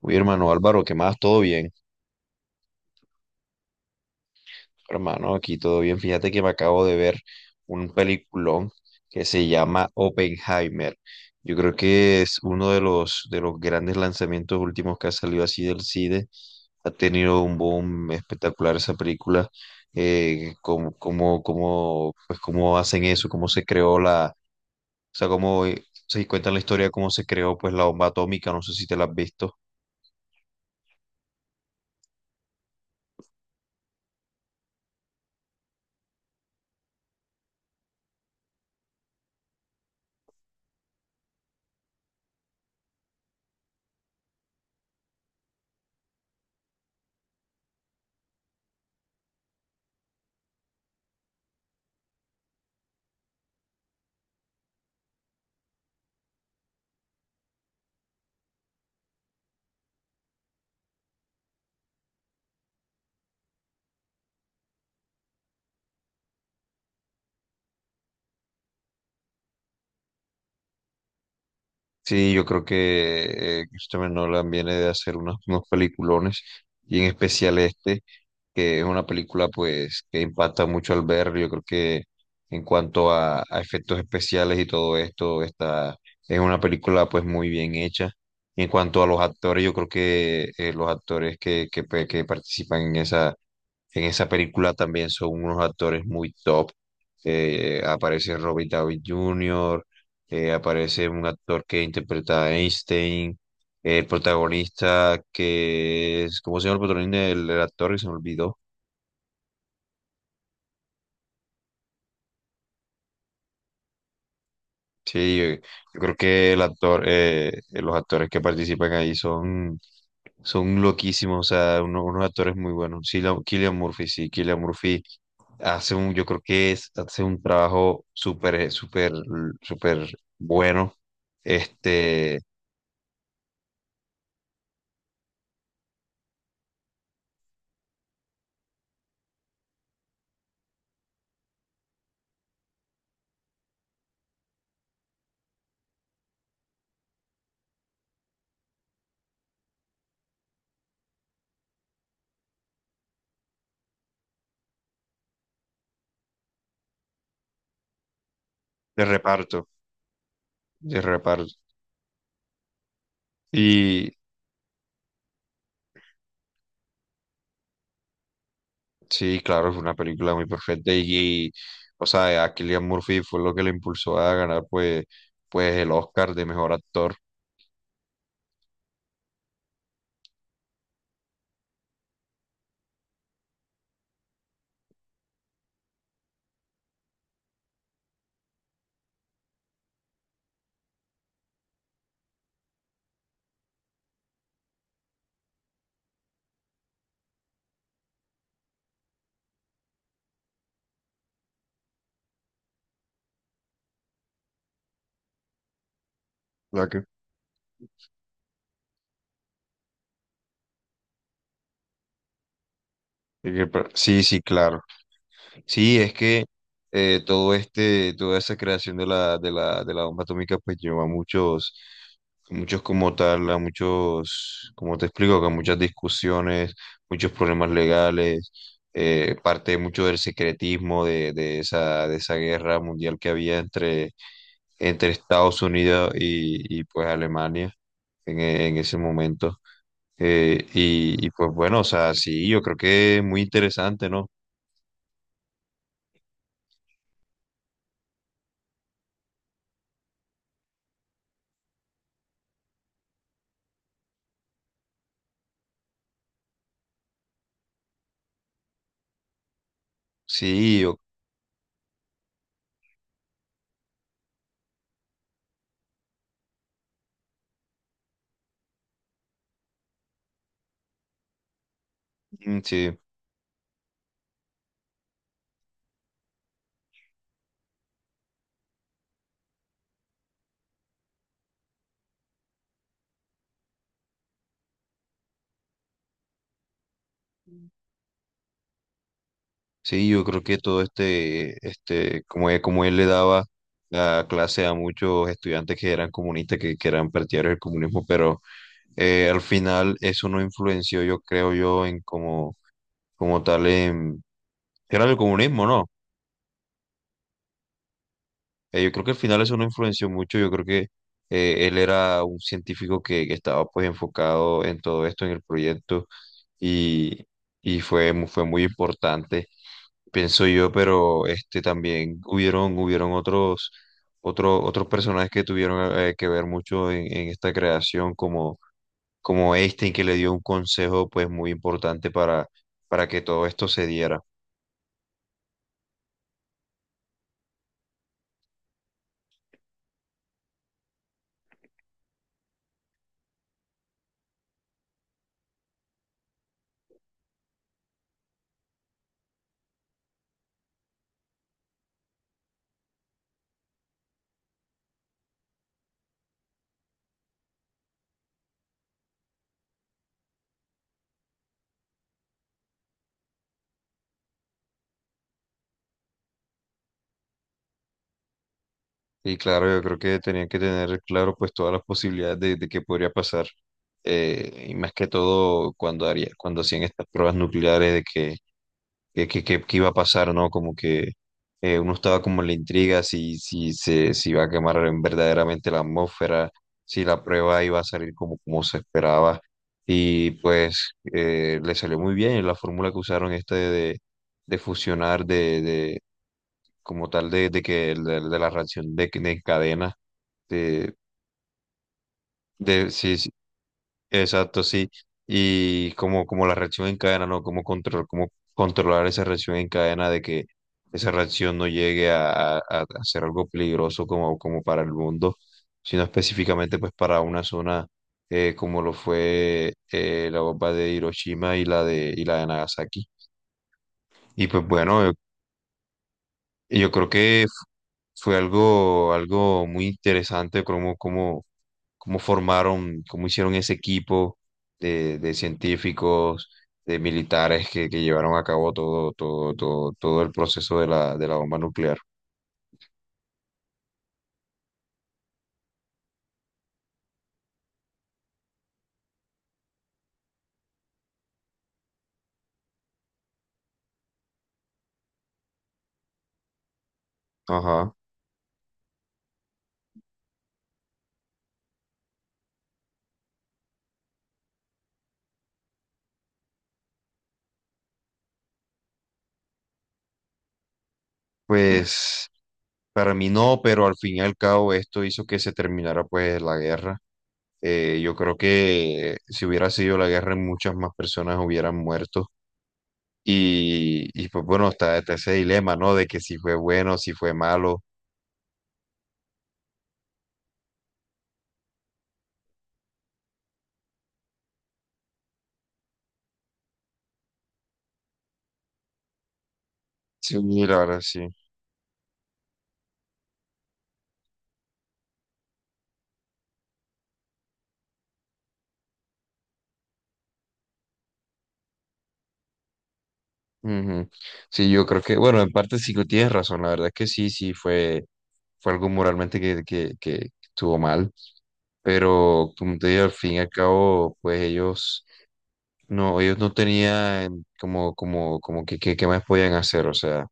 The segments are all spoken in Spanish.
Uy, hermano Álvaro, ¿qué más? ¿Todo bien? Hermano, aquí todo bien. Fíjate que me acabo de ver un peliculón que se llama Oppenheimer. Yo creo que es uno de los grandes lanzamientos últimos que ha salido así del cine. Ha tenido un boom espectacular esa película. Cómo hacen eso, cómo se creó la, o sea, cómo se cuenta la historia, de cómo se creó pues la bomba atómica. No sé si te la has visto. Sí, yo creo que Christopher Nolan viene de hacer unos peliculones y en especial este, que es una película pues que impacta mucho al ver. Yo creo que en cuanto a efectos especiales y todo esto, esta es una película pues muy bien hecha. Y en cuanto a los actores, yo creo que los actores que participan en esa película también son unos actores muy top. Aparece Robert Downey Jr, aparece un actor que interpreta a Einstein, el protagonista que es, ¿cómo se llama el protagonista? El actor que se me olvidó. Sí, yo creo que el actor, los actores que participan ahí son loquísimos, o sea, unos actores muy buenos. Sí, Cillian Murphy, sí, Cillian Murphy hace un, yo creo que es, hace un trabajo súper bueno, este, de reparto, de reparto. Y sí, claro, fue una película muy perfecta y, o sea, a Cillian Murphy fue lo que le impulsó a ganar pues el Oscar de mejor actor. O sea que... Y que... pero... Sí, sí, claro. Sí, es que toda esa creación de la bomba atómica pues llevó a muchos, muchos como tal, a muchos, como te explico, que muchas discusiones, muchos problemas legales, parte mucho del secretismo de esa guerra mundial que había entre Estados Unidos y pues Alemania en, en ese momento. Y pues bueno, o sea, sí, yo creo que es muy interesante, ¿no? Sí, yo. Mm. Sí, sí, yo creo que como él le daba la clase a muchos estudiantes que eran comunistas, que eran partidarios del comunismo, pero al final eso no influenció, yo creo yo, en como, como tal, en, era el comunismo, ¿no? Yo creo que al final eso no influenció mucho. Yo creo que él era un científico que estaba pues enfocado en todo esto, en el proyecto, y, y fue, fue muy importante, pienso yo, pero este también hubieron, otros personajes que tuvieron que ver mucho en esta creación, como, como Einstein, que le dio un consejo pues muy importante para que todo esto se diera. Y claro, yo creo que tenían que tener claro pues todas las posibilidades de que podría pasar. Y más que todo cuando haría, cuando hacían estas pruebas nucleares de que qué iba a pasar, ¿no? Como que uno estaba como en la intriga si, si se si iba a quemar verdaderamente la atmósfera, si la prueba iba a salir como, como se esperaba. Y pues le salió muy bien la fórmula que usaron esta de fusionar, de como tal, de la reacción de cadena de, de, sí, sí, exacto, sí. Y como, como la reacción en cadena, ¿no? Cómo control, cómo controlar esa reacción en cadena de que esa reacción no llegue a ser algo peligroso como, como para el mundo, sino específicamente pues para una zona como lo fue la bomba de Hiroshima y la de Nagasaki. Y pues bueno, y yo creo que fue algo, algo muy interesante cómo, cómo, cómo formaron, cómo hicieron ese equipo de científicos, de militares que llevaron a cabo todo, todo, todo, todo el proceso de la bomba nuclear. Ajá. Pues para mí no, pero al fin y al cabo esto hizo que se terminara pues la guerra. Yo creo que si hubiera sido la guerra, muchas más personas hubieran muerto. Pues bueno, está, está ese dilema, ¿no? De que si fue bueno, si fue malo. Sí, la verdad, sí. Ujú. Sí, yo creo que, bueno, en parte sí que tienes razón, la verdad es que sí, sí, fue, fue algo moralmente que estuvo mal, pero como te digo, al fin y al cabo, pues ellos no tenían como, como, como qué más podían hacer, o sea,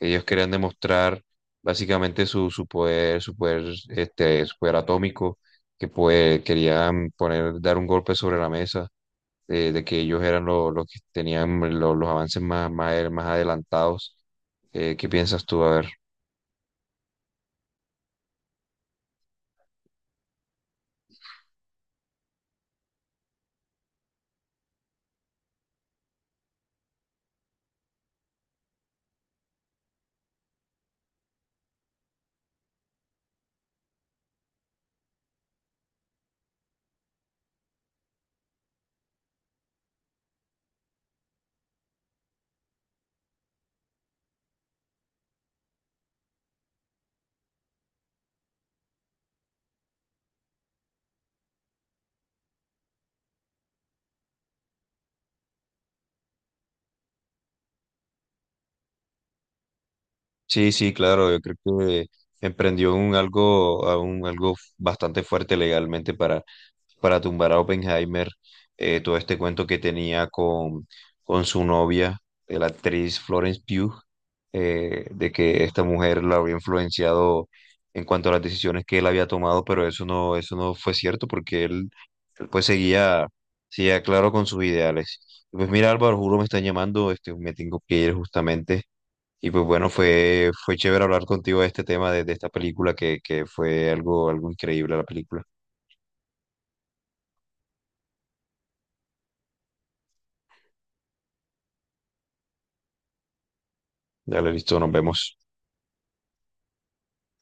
ellos querían demostrar básicamente su, su poder atómico, que pues querían poner, dar un golpe sobre la mesa, de que ellos eran los que tenían los avances más adelantados. ¿Qué piensas tú? A ver. Sí, sí, claro, yo creo que emprendió un algo, a un algo bastante fuerte legalmente para tumbar a Oppenheimer, todo este cuento que tenía con su novia, la actriz Florence Pugh, de que esta mujer la había influenciado en cuanto a las decisiones que él había tomado, pero eso no fue cierto porque él, pues seguía, seguía claro con sus ideales. Pues mira, Álvaro, juro me están llamando, este, me tengo que ir justamente. Y pues bueno, fue, fue chévere hablar contigo de este tema, de esta película, que fue algo, algo increíble la película. Dale, listo, nos vemos.